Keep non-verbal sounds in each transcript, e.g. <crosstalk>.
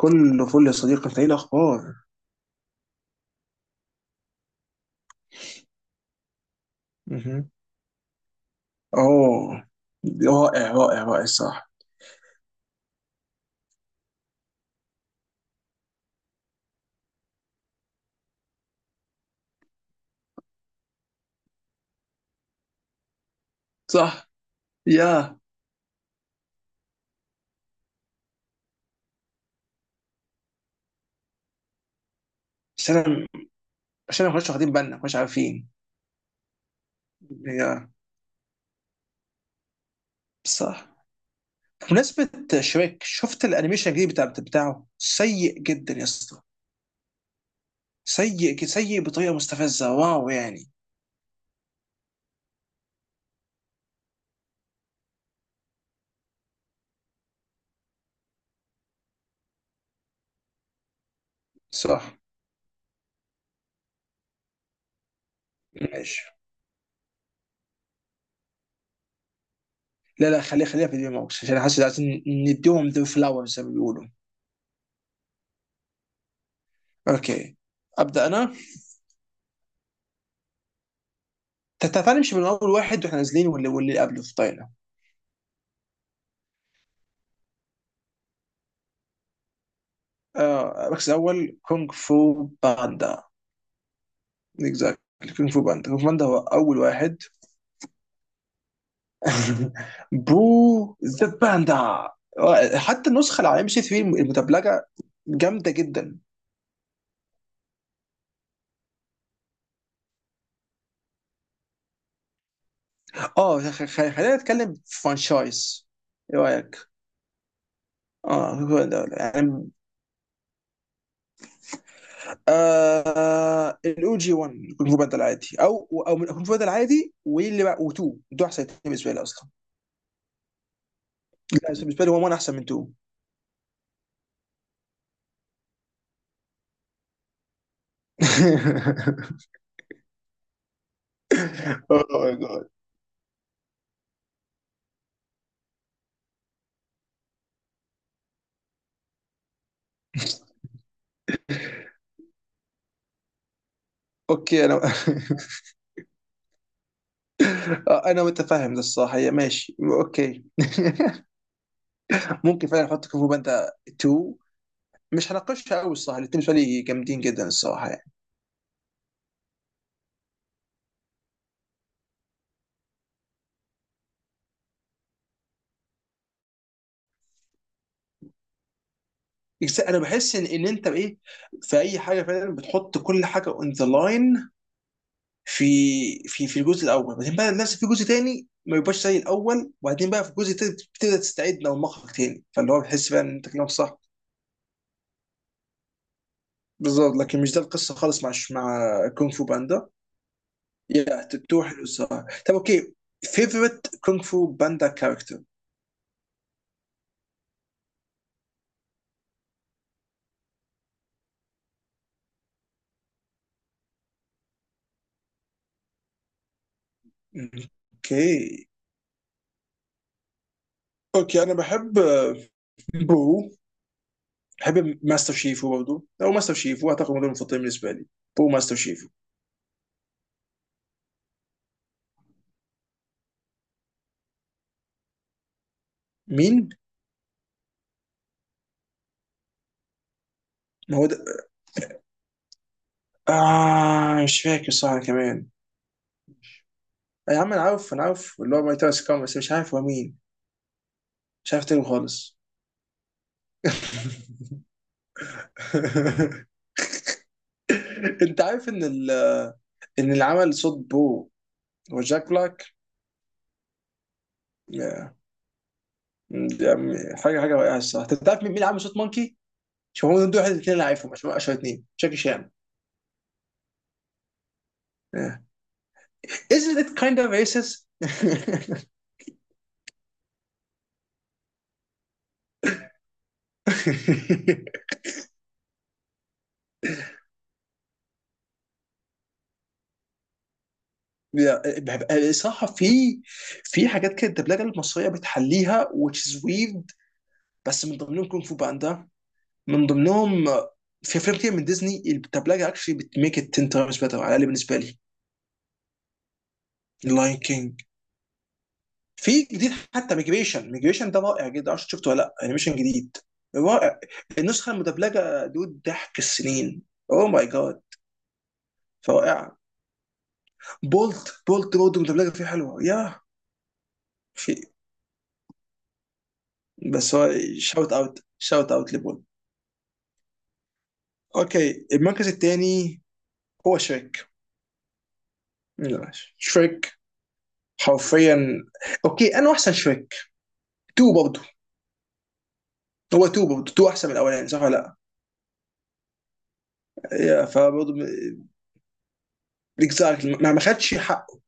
كله فل يا صديقي، انت ايه الاخبار؟ مهم. اه. رائع رائع رائع، صح. صح. يا عشان أنا- عشان ما كناش واخدين بالنا، ما كناش عارفين. يا صح. بمناسبة شريك، شفت الانيميشن الجديد بتاعه؟ سيء جدا يا اسطى. سيء بطريقة مستفزة، واو يعني. صح. ماشي. لا لا، خليها خليها في البي موكس عشان حاسس عايزين نديهم ذا فلاور زي ما بيقولوا. اوكي. ابدا انا. تعال نمشي من اول واحد واحنا نازلين، واللي قبله في. آه، المركز الاول كونغ فو باندا. اكزاكت. كونغ فو باندا، كونغ فو باندا هو اول واحد. <laughs> برو ذا باندا. حتى النسخه اللي على ام بي سي 3 المدبلجه جامده جدا. اه، خلينا نتكلم فرانشايز. ايه رايك؟ اه، كونغ فو باندا يعني. آه، الاو جي 1، كونغ فو باندا العادي، او من كونغ فو باندا العادي واللي بقى و2. دول احسن اثنين بالنسبه لي اصلا. لا، بالنسبه لي هو 1 احسن من 2. <laughs> Oh my God. اوكي انا. <laughs> آه، انا متفاهم ده الصراحه، هي ماشي اوكي. <laughs> ممكن فعلا احط كونغ فو باندا 2. مش هناقشها قوي الصراحه، الاثنين بالنسبه لي جامدين جدا الصراحه يعني. بس انا بحس ان انت بايه، في اي حاجه فعلا بتحط كل حاجه اون ذا لاين. في في الجزء الاول، بعدين بقى نفس في جزء تاني ما يبقاش زي الاول، وبعدين بقى في الجزء التالت بتبدا تستعيد من المخرج تاني، فاللي هو بتحس بقى ان انت كلامك صح. بالظبط. لكن مش ده القصه خالص مع كونغ فو باندا. يا تتو حلو الصراحه. طب اوكي. فيفورت كونغ فو باندا كاركتر. اوكي. اوكي انا بحب، بو. بحب ماستر شيفو برضه، او ماستر شيفو، اعتقد هم دول المفضلين بالنسبه لي. بو، ماستر شيفو. مين؟ ما هو ده. آه، مش فاكر صح كمان. يا عم انا عارف، انا عارف اللي هو ماي تايس كام، بس مش عارف هو مين. مش عارف تاني خالص. <laughs> انت عارف ان اللي عمل صوت بو هو جاك بلاك؟ يا عم، حاجه حاجه رائعه الصراحه. طب تعرف مين اللي عامل صوت مونكي؟ شوف، هو دول واحد الاثنين اللي عارفهم عشان اشهر اثنين، شاكي شان. آه. Isn't it kind of racist؟ <laughs> لا، الصراحه في حاجات كده الدبلجه المصريه بتحليها، which is weird. بس من ضمنهم كونغ فو باندا، من ضمنهم. في افلام كتير من ديزني الدبلجه اكشلي بتميك ات 10 times better، على الاقل بالنسبه لي. لاين كينج. في جديد حتى، ميجريشن، ميجريشن ده رائع جدا، عشان شفته ولا لا؟ انيميشن جديد. رائع. النسخه المدبلجه دود ضحك السنين. اوه ماي جاد. رائعه. بولت، بولت برضه المدبلجه فيه حلوه يا. في، بس هو. شاوت اوت، شاوت اوت لبولت. اوكي، المركز الثاني. هو شريك. شريك. حرفيا. اوكي، انا احسن شريك. تو برضه. هو تو برضه، تو احسن من الاولاني صح ولا؟ لا؟ فبرضه. اكزاكتلي، ما خدش حقه.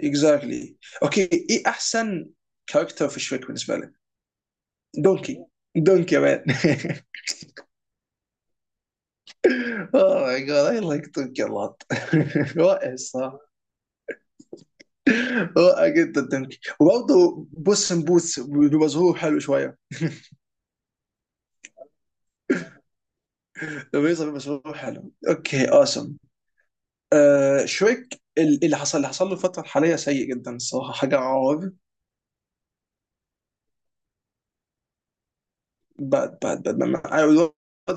اكزاكتلي. اوكي، ايه احسن كاركتر في شريك بالنسبه لك؟ دونكي. دونكي يا مان. اوه ماي جاد، اي لايك دونكي لوت. رائع الصراحه. رائع جدا دونكي. <laughs> وبرضه بوس ان بوتس بمظهور حلو شويه لما يظهر بمظهور حلو، اوكي اوسم. شريك، اللي حصل اللي حصل له الفتره الحاليه سيء جدا الصراحه، حاجه عار. باد باد باد. اقدر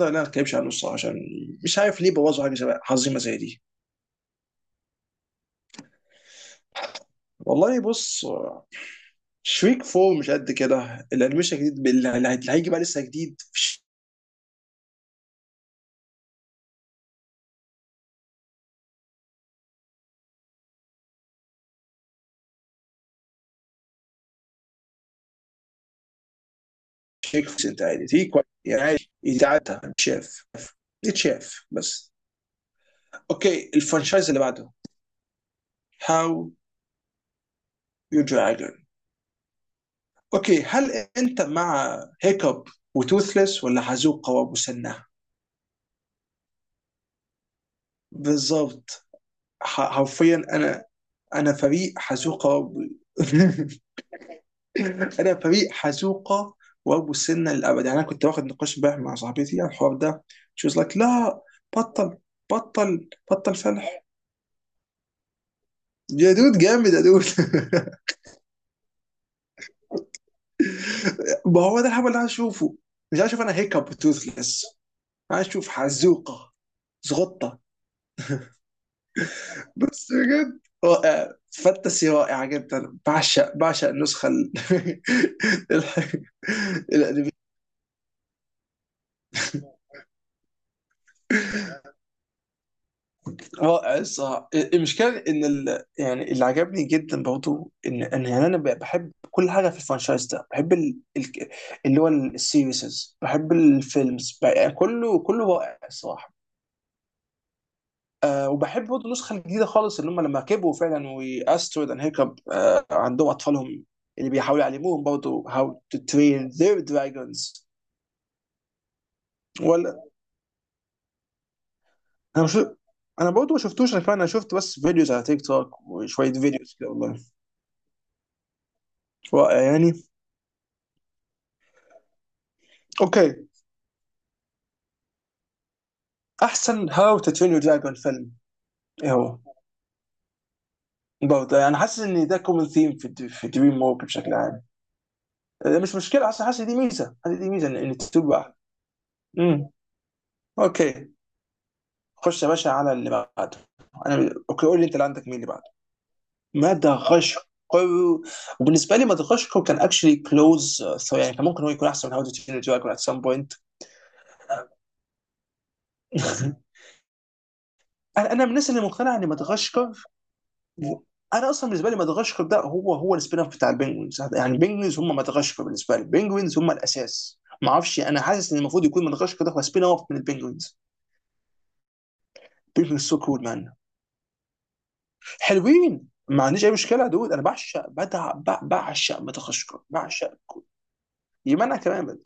ان انا ما اتكلمش عنه الصراحه، عشان مش عارف ليه بوظوا حاجه شبه عظيمه زي دي. والله بص، شريك فور مش قد كده. الانيميشن الجديد اللي هيجي بقى لسه جديد. شريك فور انت عادي، تيجي كويس يعني، عادي يتعدى شاف، يتشاف بس. اوكي، الفرنشايز اللي بعده. هاو يو دراجون. اوكي، هل انت مع هيكب وتوثلس، ولا حزوقة ومسنة؟ بالظبط. حرفيا انا. انا فريق حزوقة و- <laughs> <laughs> انا فريق حزوقه وابو سنه للابد يعني. انا كنت واخد نقاش امبارح مع صاحبتي عن الحوار ده، شي واز لايك لا. بطل بطل بطل فلح. يا دود، جامد يا دود. <laughs> ما هو ده الهبل اللي عايز اشوفه. مش عايز اشوف انا هيكب توثلس، عايز اشوف حزوقه. زغطه. بس بجد رائع فانتسي رائعه جدا. بعشق النسخه ال- <laughs> الح- الأنمي. رائع الصراحه. يعني اللي عجبني جدا برضو ان يعني انا بحب كل حاجه في الفرنشايز ده. اللي هو السيريسز، بحب الفيلمز يعني كله كله رائع الصراحه. آه، وبحب برضه النسخه الجديده خالص اللي هم لما كبروا فعلا، واسترويد اند هيكب، عندهم اطفالهم اللي بيحاولوا يعلموهم برضه هاو تو ترين ذير دراجونز. ولا. انا مش انا برضه ما شفتوش، انا كمان. انا شفت بس فيديوز على تيك توك وشويه فيديوز كده والله. رائع يعني. اوكي. احسن هاو تو ترين يور دراجون فيلم. ايه هو؟ برضه يعني انا حاسس ان ده كومن ثيم في في دريم ووك بشكل عام. آه، مش مشكله، حاسس دي ميزه، حاسس دي ميزه، ان تبقى. امم. اوكي. خش يا باشا على اللي بعده. انا اوكي، قول لي انت، اللي عندك مين اللي بعده؟ مدغشقر. وبالنسبه لي مدغشقر كان اكشلي كلوز، يعني كان ممكن هو يكون احسن من هاو تو ترين يور دراجون ات سام بوينت. <laughs> انا من الناس اللي مقتنعه ان مدغشقر، انا اصلا بالنسبه لي مدغشقر ده هو السبين اوف بتاع البنجوينز. يعني البنجوينز هم مدغشقر بالنسبه لي، البنجوينز هم الاساس. ما اعرفش، انا حاسس ان المفروض يكون مدغشقر ده هو سبين اوف من البنجوينز. بنجوينز سو كول مان. حلوين، ما عنديش اي مشكله يا دود. انا بعشق بعشق مدغشقر، بعشق كول. يمنع كمان بد.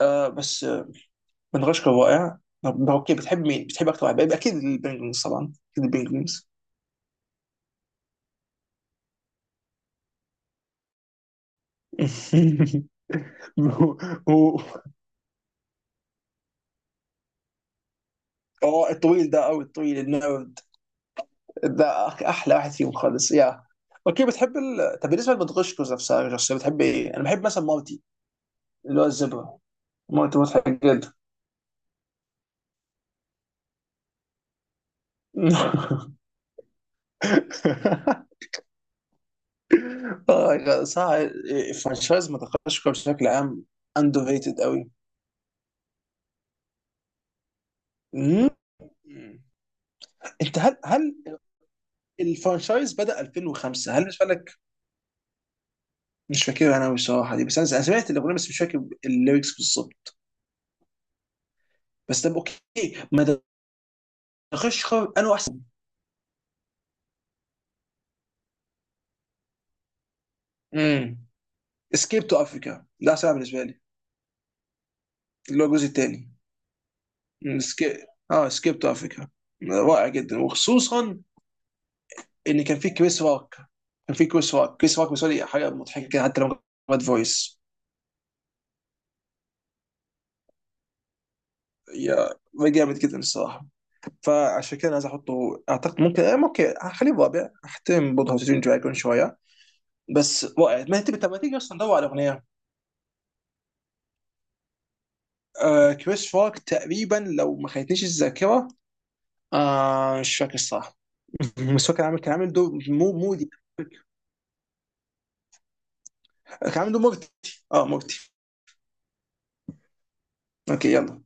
آه بس، مدغشقر رائع. طب اوكي، بتحب مين؟ بتحب اكتر واحد، اكيد البنجوينز، طبعا اكيد البنجوينز. <laughs> هو هو- اه الطويل ده قوي، الطويل النيرد، ده احلى واحد فيهم خالص يا. اوكي، طب بالنسبه لمدغشقر نفسها، شخصيه بتحب ايه؟ انا بحب مثلا مارتي، اللي هو الزبره. مارتي مضحك جدا. <laughs> آه، صح. فرانشايز مدغشقر بشكل عام اندر ريتد قوي. مم. انت هل الفرانشايز بدأ 2005؟ هل بالنسبه لك مش فاكر؟ انا بصراحه دي، بس انا سمعت الاغنيه بس مش فاكر الليركس بالظبط. بس طب اوكي. مدغشقر انا احسن. مم. اسكيب تو افريكا ده سبعه بالنسبه لي، اللي هو الجزء الثاني. اسكيب، اه اسكيب تو افريكا. رائع جدا، وخصوصا ان كان في كريس روك. كان في كريس روك. كريس روك بالنسبه لي حاجه مضحكه كده، حتى لو باد فويس يا. جامد جدا الصراحه. فعشان كده انا عايز احطه، اعتقد ممكن هخليه رابع. احترم برضه هاوسين دراجون شويه، بس رائع. ما انت لما تيجي اصلا ندور على اغنيه. آه، كريس روك تقريبا، لو ما خانتنيش الذاكره. آه، مش فاكر الصراحه. بس هو كان عامل دور مو مودي. كان عنده مورتي. اه، مورتي. اوكي، يلا.